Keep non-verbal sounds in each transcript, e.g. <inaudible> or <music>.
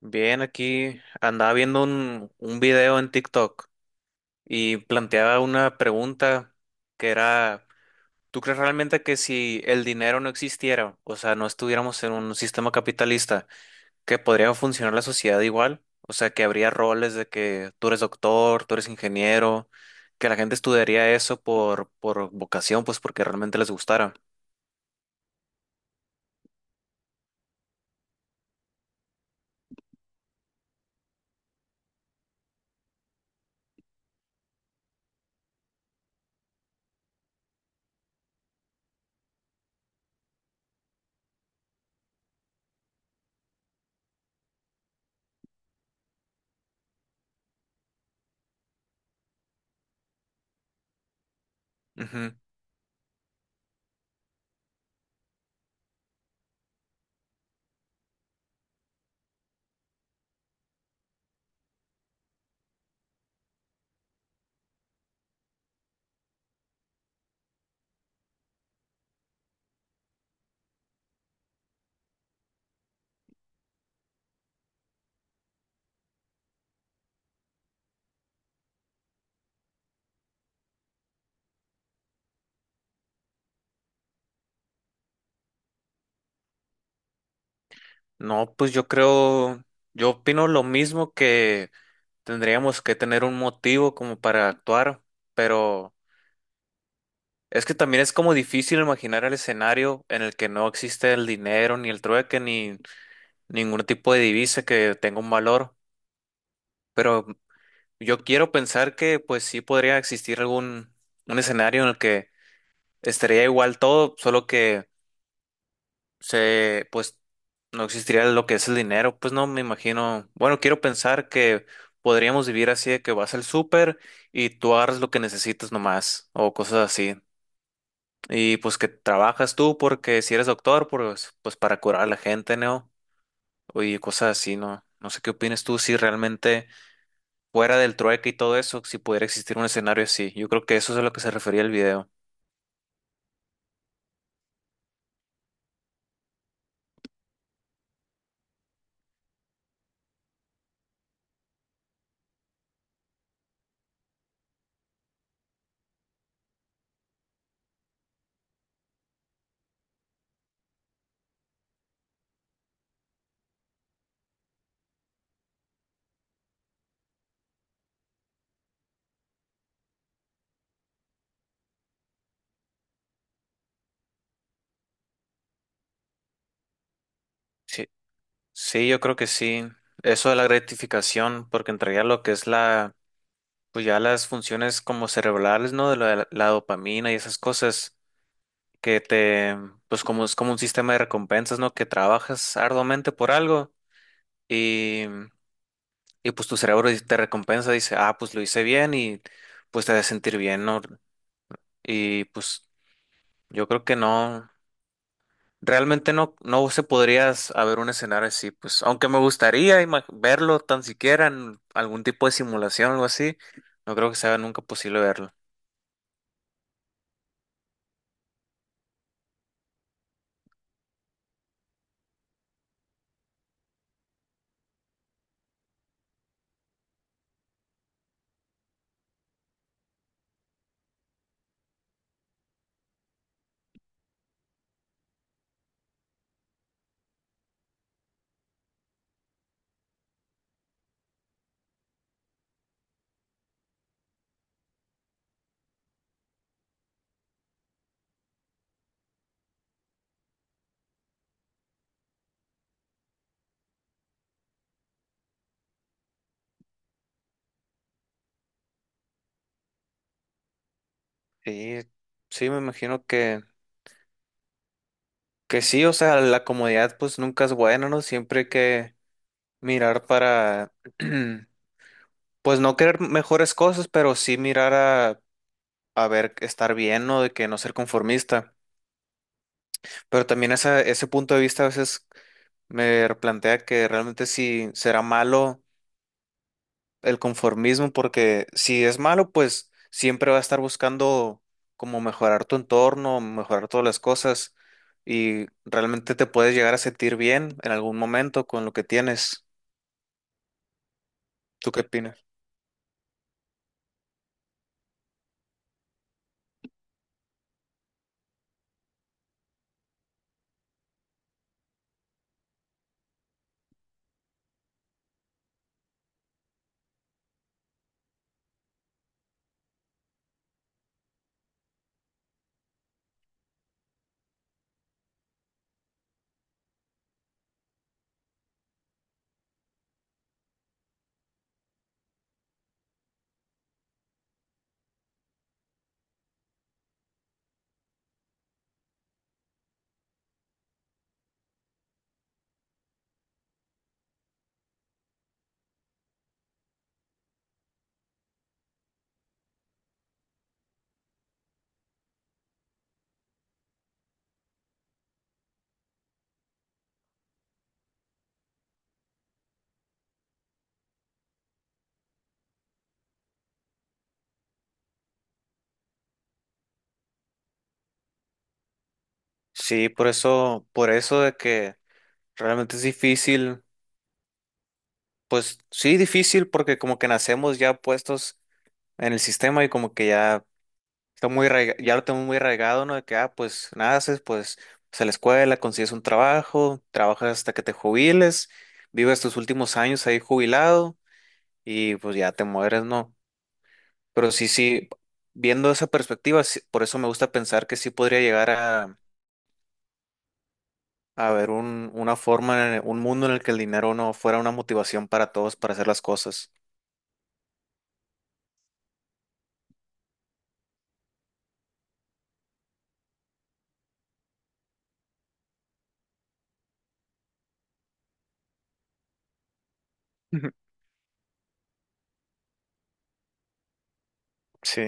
Bien, aquí andaba viendo un video en TikTok y planteaba una pregunta que era, ¿tú crees realmente que si el dinero no existiera, o sea, no estuviéramos en un sistema capitalista, que podría funcionar la sociedad igual? O sea, que habría roles de que tú eres doctor, tú eres ingeniero, que la gente estudiaría eso por vocación, pues porque realmente les gustara. Ujú. No, pues yo creo, yo opino lo mismo. Tendríamos que tener un motivo como para actuar, pero es que también es como difícil imaginar el escenario en el que no existe el dinero, ni el trueque, ni ningún tipo de divisa que tenga un valor. Pero yo quiero pensar que pues sí podría existir algún un escenario en el que estaría igual todo, solo que se, pues no existiría lo que es el dinero, pues no me imagino. Bueno, quiero pensar que podríamos vivir así de que vas al súper y tú agarras lo que necesitas nomás o cosas así. Y pues que trabajas tú porque si eres doctor, pues, pues para curar a la gente, ¿no? Y cosas así, ¿no? No sé qué opinas tú si realmente fuera del trueque y todo eso, si pudiera existir un escenario así. Yo creo que eso es a lo que se refería el video. Sí, sí, yo creo que sí. Eso de la gratificación, porque entraría lo que es la, pues ya las funciones como cerebrales, ¿no? De la dopamina y esas cosas que te, pues como es como un sistema de recompensas, ¿no? Que trabajas arduamente por algo y, y pues tu cerebro te recompensa, dice, ah, pues lo hice bien y pues te hace sentir bien, ¿no? Y pues yo creo que no, realmente no, no se podría haber un escenario así, pues aunque me gustaría verlo tan siquiera en algún tipo de simulación o algo así, no creo que sea nunca posible verlo. Sí, sí, me imagino que sí, o sea, la comodidad pues nunca es buena, ¿no? Siempre hay que mirar para, <clears throat> pues no querer mejores cosas, pero sí mirar a ver, estar bien, ¿no? De que no ser conformista. Pero también esa, ese punto de vista a veces me replantea que realmente si será malo, el conformismo, porque si es malo, pues siempre va a estar buscando como mejorar tu entorno, mejorar todas las cosas y realmente te puedes llegar a sentir bien en algún momento con lo que tienes. ¿Tú qué opinas? Sí, por eso de que realmente es difícil, pues sí, difícil porque como que nacemos ya puestos en el sistema y como que ya ya lo tengo muy arraigado, ¿no? De que, ah, pues naces, pues vas a la escuela, consigues un trabajo, trabajas hasta que te jubiles, vives tus últimos años ahí jubilado y pues ya te mueres, ¿no? Pero sí, sí, viendo esa perspectiva, por eso me gusta pensar que sí podría llegar a haber una forma, un mundo en el que el dinero no fuera una motivación para todos para hacer las cosas. <laughs> Sí,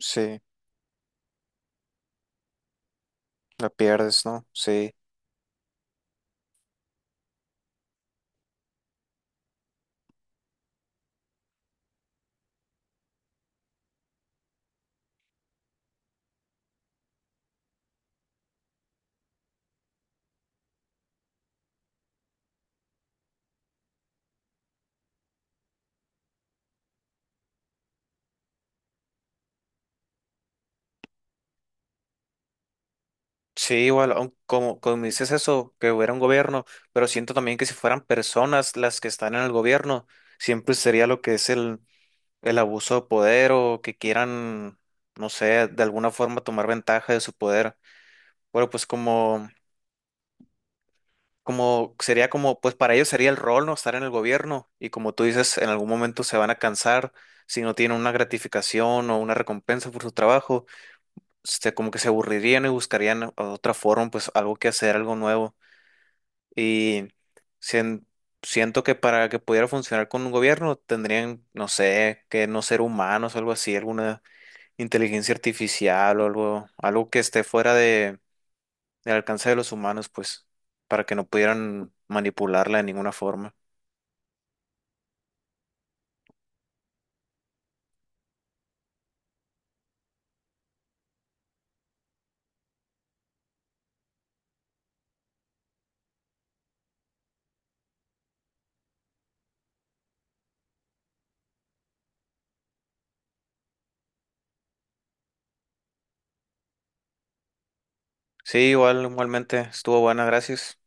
sí, la pierdes, ¿no? Sí. Sí, igual, aun como, como dices eso, que hubiera un gobierno, pero siento también que si fueran personas las que están en el gobierno, siempre sería lo que es el abuso de poder o que quieran, no sé, de alguna forma tomar ventaja de su poder. Bueno, pues como, como sería como, pues para ellos sería el rol, ¿no? Estar en el gobierno y como tú dices, en algún momento se van a cansar si no tienen una gratificación o una recompensa por su trabajo, este, como que se aburrirían y buscarían otra forma, pues algo que hacer, algo nuevo. Y sien- siento que para que pudiera funcionar con un gobierno tendrían, no sé, que no ser humanos o algo así, alguna inteligencia artificial o algo, algo que esté fuera de, del alcance de los humanos, pues, para que no pudieran manipularla de ninguna forma. Sí, igual, igualmente, estuvo buena, gracias.